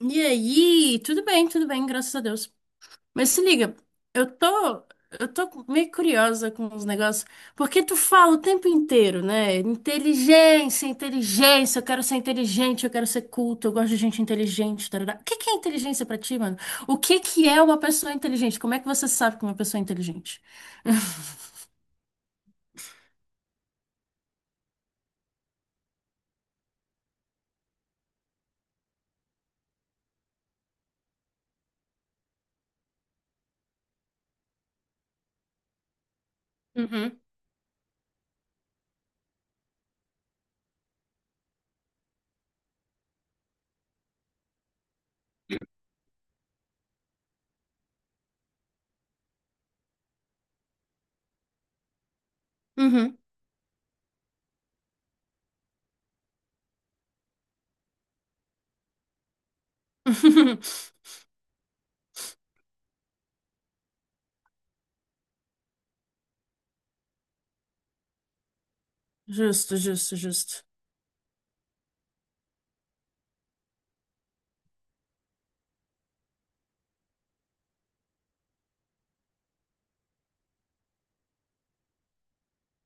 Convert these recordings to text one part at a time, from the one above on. E aí, tudo bem, graças a Deus. Mas se liga, eu tô, eu tô meio curiosa com os negócios, porque tu fala o tempo inteiro, né? Inteligência, inteligência, eu quero ser inteligente, eu quero ser culto, eu gosto de gente inteligente, tarará. O que que é inteligência pra ti, mano? O que que é uma pessoa inteligente? Como é que você sabe que uma pessoa é inteligente? Uhum, uhum. Justo, justo, justo.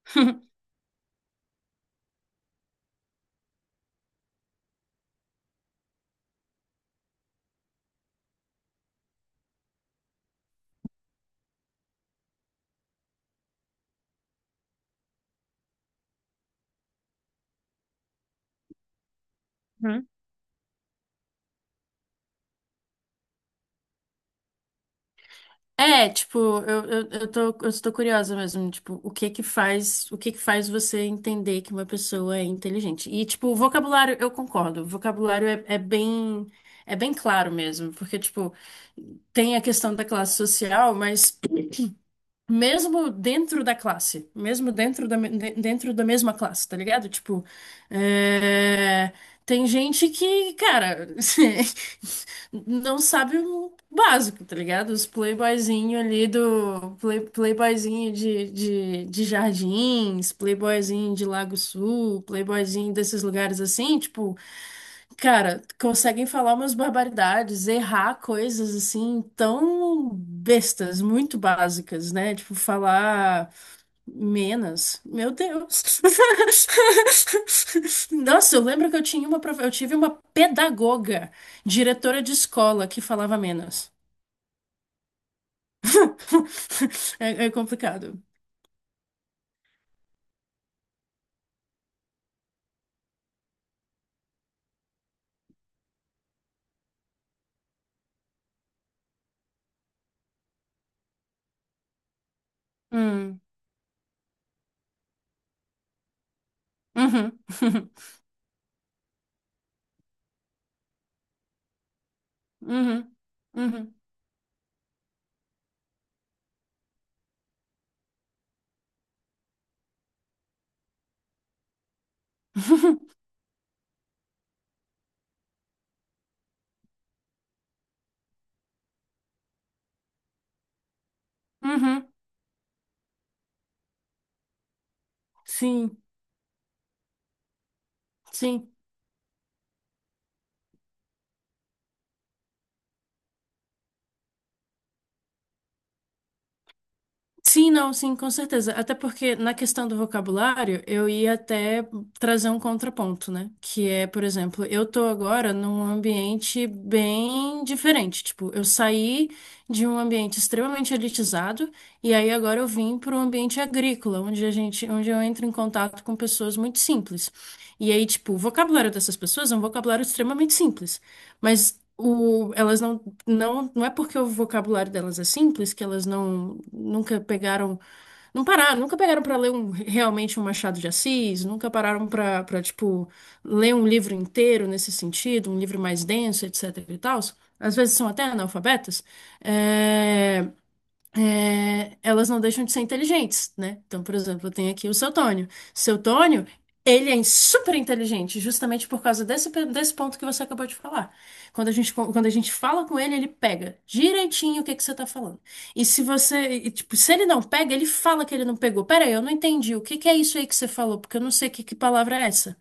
Eu estou curiosa mesmo, tipo, o que que faz, o que que faz você entender que uma pessoa é inteligente? E, tipo, o vocabulário, eu concordo, o vocabulário é bem claro mesmo, porque, tipo, tem a questão da classe social, mas mesmo dentro da classe, mesmo dentro da, me- de- dentro da mesma classe, tá ligado? Tipo, é, tem gente que, cara, não sabe o básico, tá ligado? Os playboyzinho ali do play, playboyzinho de Jardins, playboyzinho de Lago Sul, playboyzinho desses lugares assim, tipo, cara, conseguem falar umas barbaridades, errar coisas assim tão bestas, muito básicas, né? Tipo, falar menos. Meu Deus. Nossa, eu lembro que eu tinha uma, eu tive uma pedagoga, diretora de escola, que falava menos. É, é complicado. Hum. Uhum. Uhum. Uhum. Uhum. Sim, sim. Sim, não, sim, com certeza. Até porque na questão do vocabulário, eu ia até trazer um contraponto, né? Que é, por exemplo, eu tô agora num ambiente bem diferente. Tipo, eu saí de um ambiente extremamente elitizado e aí agora eu vim para um ambiente agrícola, onde eu entro em contato com pessoas muito simples. E aí, tipo, o vocabulário dessas pessoas é um vocabulário extremamente simples, mas elas não não é porque o vocabulário delas é simples que elas nunca pegaram, não pararam, nunca pegaram para ler um, realmente um Machado de Assis, nunca pararam para tipo ler um livro inteiro nesse sentido, um livro mais denso, etc e tal. Às vezes são até analfabetas. É, elas não deixam de ser inteligentes, né? Então, por exemplo, eu tenho aqui o seu Tônio. Seu Tônio, ele é super inteligente, justamente por causa desse ponto que você acabou de falar. Quando a gente fala com ele, ele pega direitinho o que que você tá falando. E se você, e, tipo, se ele não pega, ele fala que ele não pegou. Pera aí, eu não entendi. O que que é isso aí que você falou? Porque eu não sei que palavra é essa.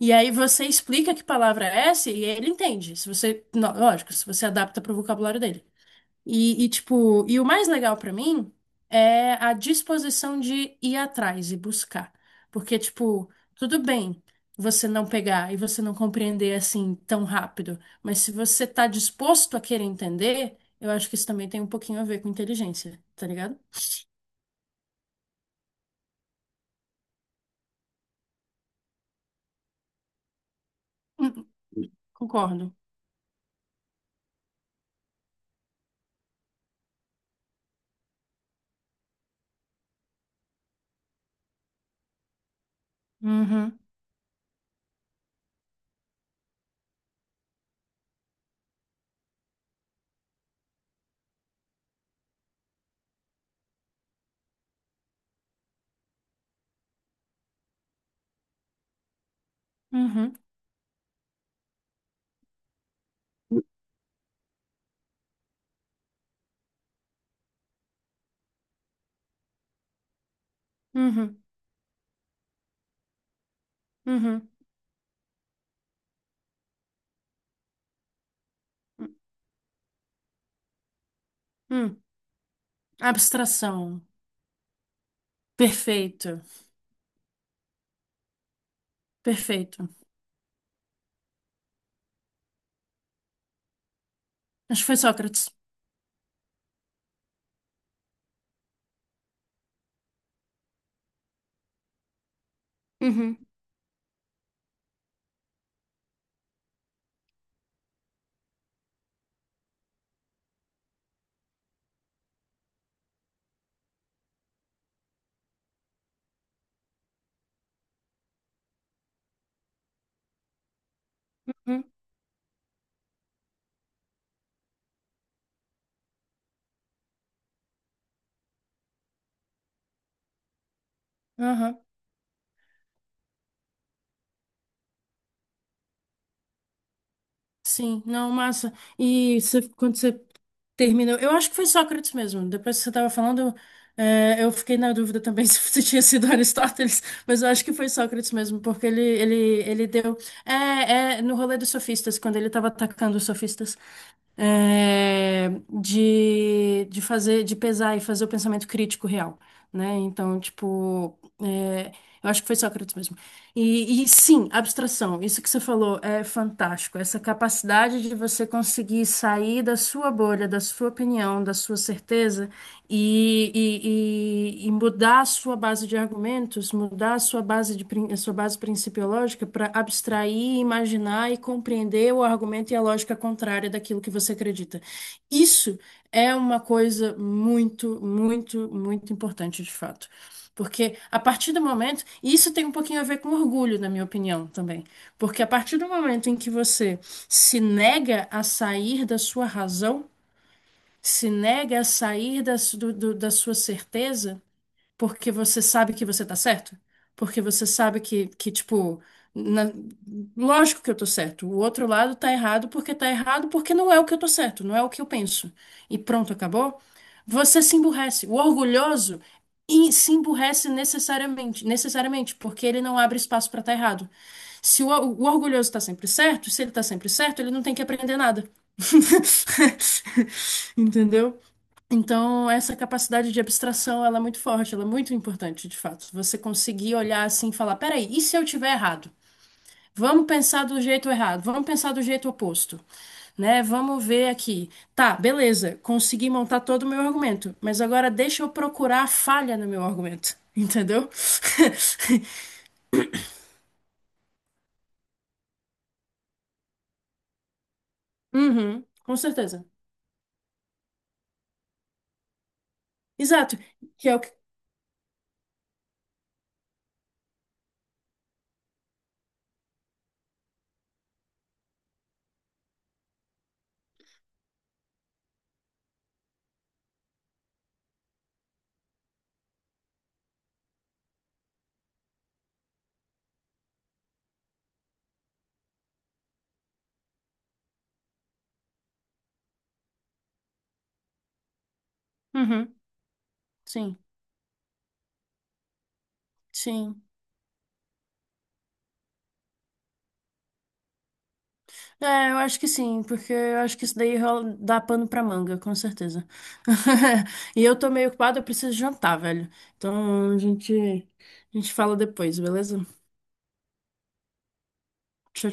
E aí você explica que palavra é essa e ele entende. Se você, não, lógico, se você adapta pro vocabulário dele. E o mais legal pra mim é a disposição de ir atrás e buscar. Porque, tipo, tudo bem você não pegar e você não compreender assim tão rápido, mas se você tá disposto a querer entender, eu acho que isso também tem um pouquinho a ver com inteligência, tá ligado? Hum, Concordo. Uhum, uhum, uhum, uhum, uhum. Abstração. Perfeito, perfeito. Acho que foi Sócrates. Uhum, uhum, aham. Sim, não, massa. Quando você terminou, eu acho que foi Sócrates mesmo. Depois que você estava falando, eu fiquei na dúvida também se você tinha sido Aristóteles, mas eu acho que foi Sócrates mesmo, porque ele deu. É, é no rolê dos sofistas, quando ele estava atacando os sofistas, é, de fazer, de pesar e fazer o pensamento crítico real, né? Então, tipo. É, eu acho que foi Sócrates mesmo. E sim, abstração, isso que você falou é fantástico. Essa capacidade de você conseguir sair da sua bolha, da sua opinião, da sua certeza e mudar a sua base de argumentos, mudar a sua base a sua base principiológica para abstrair, imaginar e compreender o argumento e a lógica contrária daquilo que você acredita. Isso é uma coisa muito, muito, muito importante de fato. Porque a partir do momento, e isso tem um pouquinho a ver com orgulho, na minha opinião também. Porque a partir do momento em que você se nega a sair da sua razão, se nega a sair da, da sua certeza, porque você sabe que você tá certo, porque você sabe que tipo, na- lógico que eu tô certo, o outro lado tá errado, porque não é o que eu tô certo, não é o que eu penso. E pronto, acabou. Você se emburrece. O orgulhoso e se emburrece necessariamente, necessariamente, porque ele não abre espaço pra estar errado. Se o orgulhoso tá sempre certo, se ele tá sempre certo, ele não tem que aprender nada. Entendeu? Então, essa capacidade de abstração, ela é muito forte, ela é muito importante, de fato. Você conseguir olhar assim e falar, peraí, e se eu tiver errado? Vamos pensar do jeito errado, vamos pensar do jeito oposto, né? Vamos ver aqui. Tá, beleza, consegui montar todo o meu argumento, mas agora deixa eu procurar a falha no meu argumento, entendeu? Uhum, com certeza. Exato, que é o que... Uhum, sim, sim. É, eu acho que sim, porque eu acho que isso daí rola- dá pano pra manga, com certeza. E eu tô meio ocupada, eu preciso jantar, velho. Então a gente, a gente fala depois, beleza? Tchau,